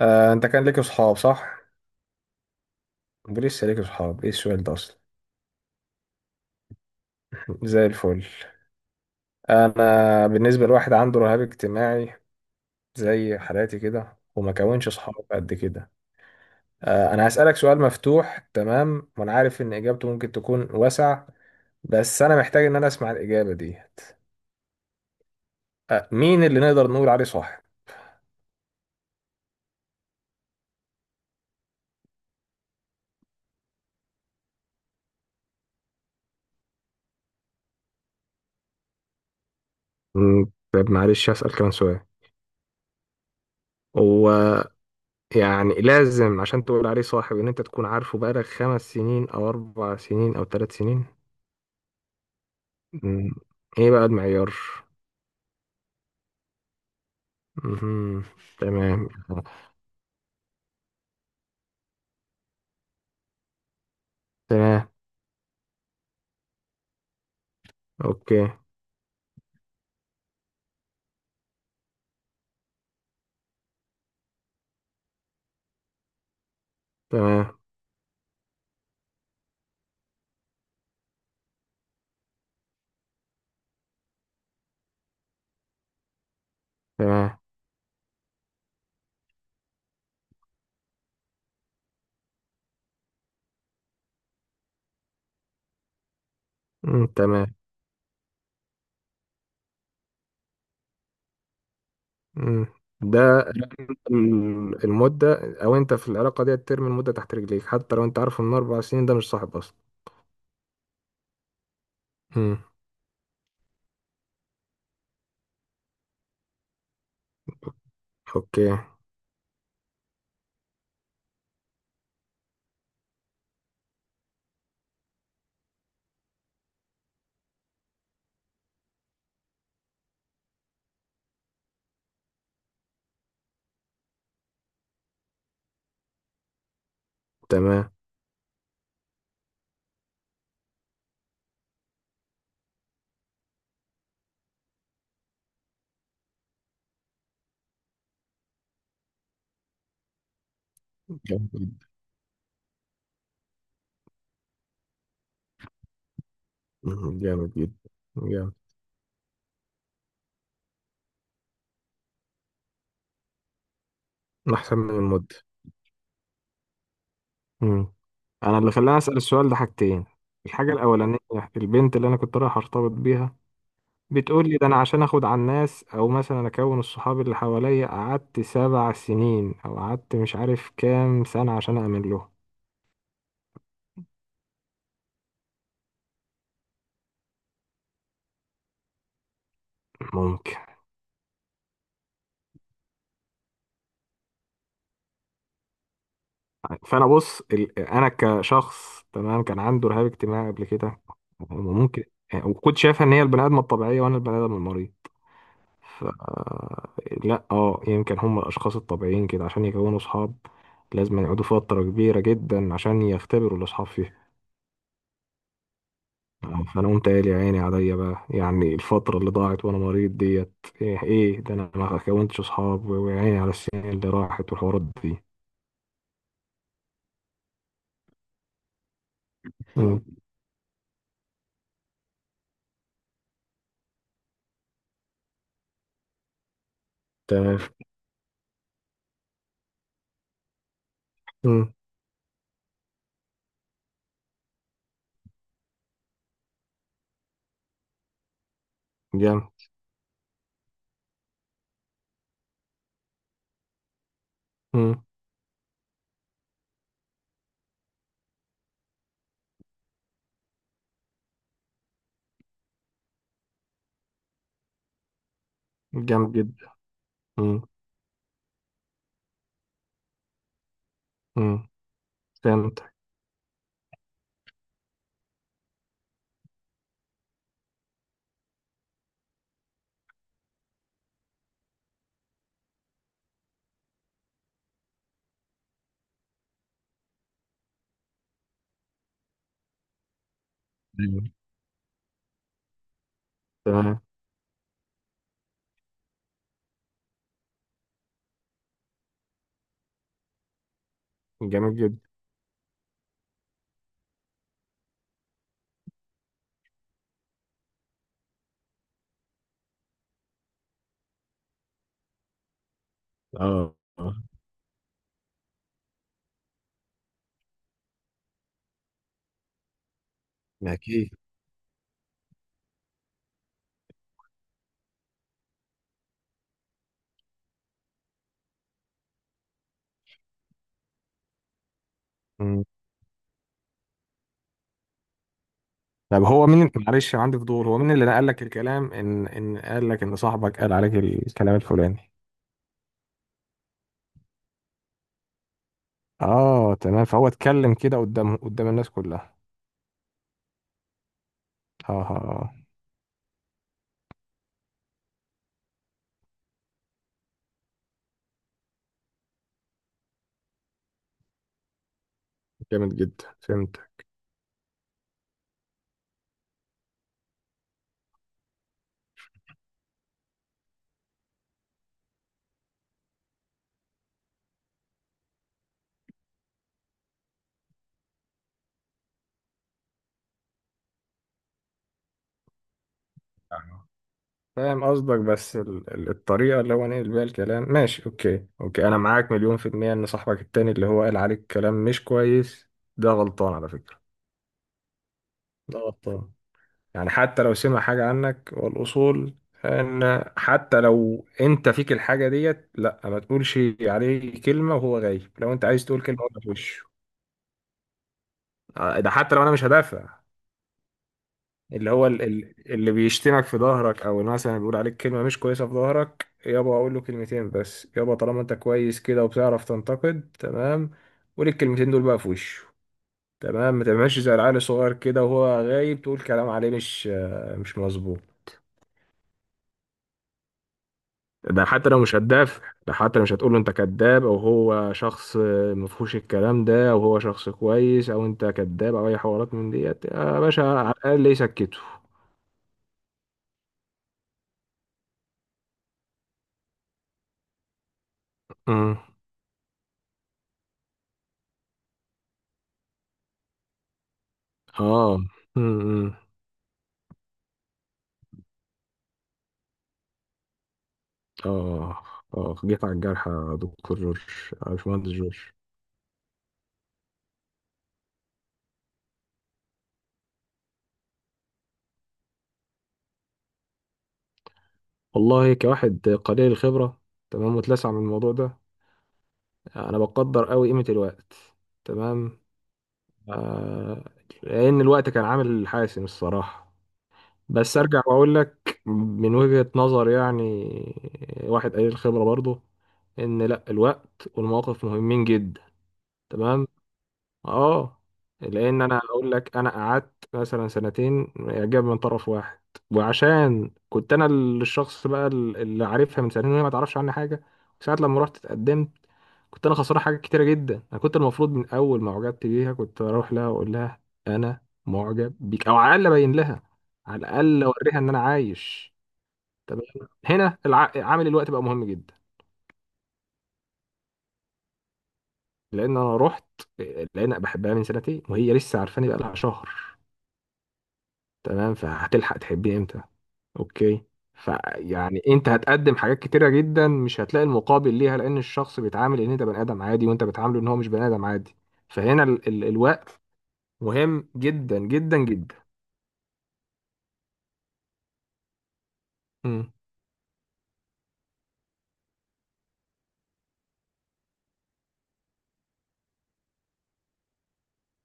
انت كان ليك اصحاب صح؟ لسه ليك اصحاب؟ ايه السؤال ده اصلا؟ زي الفل. انا بالنسبه لواحد عنده رهاب اجتماعي زي حالاتي كده، وما كونش اصحاب قد كده. انا هسالك سؤال مفتوح، تمام، وانا عارف ان اجابته ممكن تكون واسع، بس انا محتاج ان انا اسمع الاجابه دي. مين اللي نقدر نقول عليه صاحب؟ مم. طب معلش هسأل كمان سؤال. هو يعني لازم عشان تقول عليه صاحب ان انت تكون عارفه بقالك 5 سنين او 4 سنين او 3 سنين؟ مم. ايه بقى المعيار؟ مهم. تمام. تمام. اوكي. تمام. تمام. مم. تمام. مم. ده المدة، او انت في العلاقة دي ترمي المدة تحت رجليك حتى لو انت عارف ان 4 سنين ده مش صاحب اصلا. مم. اوكي. تمام. جامد جدا. مم. جامد جدا. جامد. احسن من المدة. مم. انا اللي خلاني اسأل السؤال ده حاجتين. الحاجة الاولانية، البنت اللي انا كنت رايح ارتبط بيها بتقول لي، ده انا عشان اخد على الناس، او مثلا اكون الصحاب اللي حواليا قعدت 7 سنين او قعدت مش عارف كام سنة عشان اعمل له. ممكن. فانا بص، انا كشخص تمام كان عنده رهاب اجتماعي قبل كده. ممكن. وكنت شايفها ان هي البني ادم الطبيعية وانا البني ادم المريض. ف لا، يمكن هم الاشخاص الطبيعيين كده عشان يكونوا صحاب لازم يقعدوا فترة كبيرة جدا عشان يختبروا الاصحاب. فانا قمت قايل يا عيني عليا بقى، يعني الفتره اللي ضاعت وانا مريض ديت. ايه ده، انا ما كونتش اصحاب، ويا عيني على السنين اللي راحت والحوارات دي. مم. تمام. مم. جامد. مم. جامد جدا. مم. مم. فهمتك. أيوة. تمام. جامد جدا. اه. آه. اكيد. مم. طب هو مين، معلش عندي فضول، هو مين اللي نقل لك الكلام، ان قال لك ان صاحبك قال عليك الكلام الفلاني؟ اه، تمام. فهو اتكلم كده قدام الناس كلها؟ اه. جامد جدا. فهمتك. آه. فاهم قصدك، بس الطريقة اللي هو نقل بيها الكلام، ماشي. اوكي اوكي، انا معاك مليون في المية ان صاحبك التاني اللي هو قال عليك كلام مش كويس ده غلطان على فكرة. ده غلطان. يعني حتى لو سمع حاجة عنك، والاصول ان حتى لو انت فيك الحاجة ديت، لا، ما تقولش عليه كلمة وهو غايب. لو انت عايز تقول كلمة، قولها في وشه. ده حتى لو انا مش هدافع، اللي هو اللي بيشتمك في ظهرك، او اللي مثلا بيقول عليك كلمه مش كويسه في ظهرك، يابا اقول له كلمتين بس، يابا طالما انت كويس كده وبتعرف تنتقد، تمام، قول الكلمتين دول بقى في وشه. تمام، ما تعملش زي العيل الصغير كده وهو غايب تقول كلام عليه، مش مظبوط. ده حتى لو مش هتدافع، ده حتى لو مش هتقول له انت كذاب او هو شخص مفهوش الكلام ده، او هو شخص كويس او انت كذاب او اي حوارات من ديت، يا باشا على الاقل يسكته. امم. اه. امم. آه. آه، جيت على الجرح يا دكتور جورج، يا باشمهندس جورج. والله كواحد قليل الخبرة، تمام، متلسع من الموضوع ده، أنا بقدر أوي قيمة الوقت. تمام. آه لأن الوقت كان عامل حاسم الصراحة. بس أرجع وأقول لك، من وجهة نظر يعني واحد قليل الخبرة برضه، إن لأ، الوقت والمواقف مهمين جدا. تمام. اه لان انا اقول لك، انا قعدت مثلا سنتين اعجاب من طرف واحد، وعشان كنت انا الشخص بقى اللي عارفها من سنتين وهي ما تعرفش عني حاجه، ساعه لما رحت اتقدمت كنت انا خسران حاجات كتيره جدا. انا كنت المفروض من اول ما اعجبت بيها كنت اروح لها واقول لها انا معجب بيك، او على الاقل ابين لها، على الاقل اوريها ان انا عايش. تمام. هنا عامل الوقت بقى مهم جدا. لان انا رحت، لان أنا بحبها من سنتين وهي لسه عارفاني بقى لها شهر. تمام. فهتلحق تحبيه امتى؟ اوكي. فيعني انت هتقدم حاجات كتيره جدا مش هتلاقي المقابل ليها، لان الشخص بيتعامل ان انت بني ادم عادي، وانت بتعامله ان هو مش بني ادم عادي. فهنا ال الوقت مهم جدا جدا جدا. مم.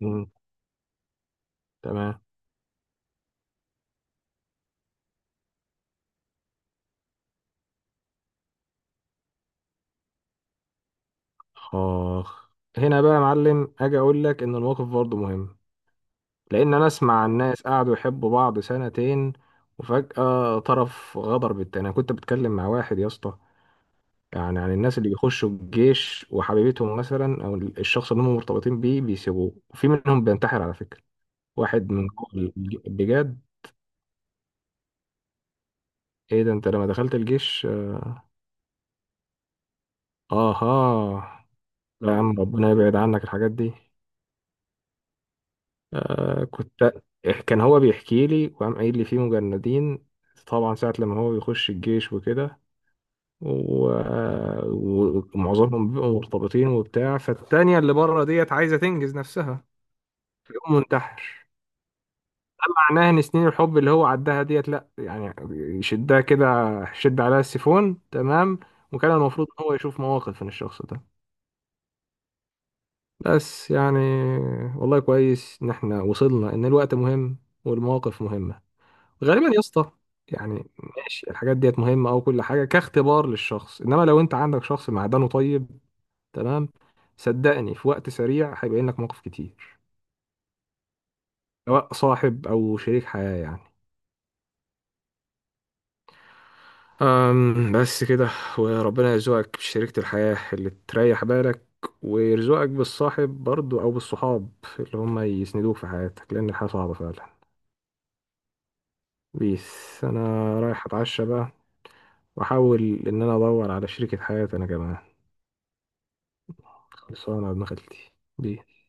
مم. تمام. اخ. هنا بقى يا معلم اجي اقول لك ان الموقف برضه مهم. لان انا اسمع عن ناس قعدوا يحبوا بعض سنتين وفجأة طرف غدر بالتاني. انا كنت بتكلم مع واحد يا اسطى، يعني عن الناس اللي بيخشوا الجيش وحبيبتهم مثلا، او الشخص اللي هم مرتبطين بيه بيسيبوه، وفي منهم بينتحر على فكره. واحد من جوه البجاد. ايه ده، انت لما دخلت الجيش؟ اها. لا يا عم، ربنا يبعد عنك الحاجات دي. كنت كان هو بيحكي لي، وقام قايل لي في مجندين، طبعا ساعة لما هو بيخش الجيش وكده، و- ومعظمهم بيبقوا مرتبطين وبتاع، فالتانية اللي بره ديت عايزة تنجز نفسها، بيقوم منتحر. معناها ان سنين الحب اللي هو عدها ديت، لا يعني، يشدها كده شد، عليها السيفون تمام. وكان المفروض ان هو يشوف مواقف من الشخص ده. بس يعني، والله كويس ان احنا وصلنا ان الوقت مهم والمواقف مهمة. غالبا يا اسطى يعني، ماشي الحاجات ديت مهمة، او كل حاجة كاختبار للشخص، انما لو انت عندك شخص معدنه طيب، تمام، صدقني في وقت سريع هيبين لك مواقف كتير، سواء صاحب او شريك حياة يعني. بس كده. وربنا يرزقك بشريكة الحياة اللي تريح بالك، ويرزقك بالصاحب برضو أو بالصحاب اللي هم يسندوك في حياتك، لأن الحياة صعبة فعلا. بيس، أنا رايح أتعشى بقى، وأحاول إن أنا أدور على شريكة حياتي أنا كمان. خلصانة بمخلتي. بيس.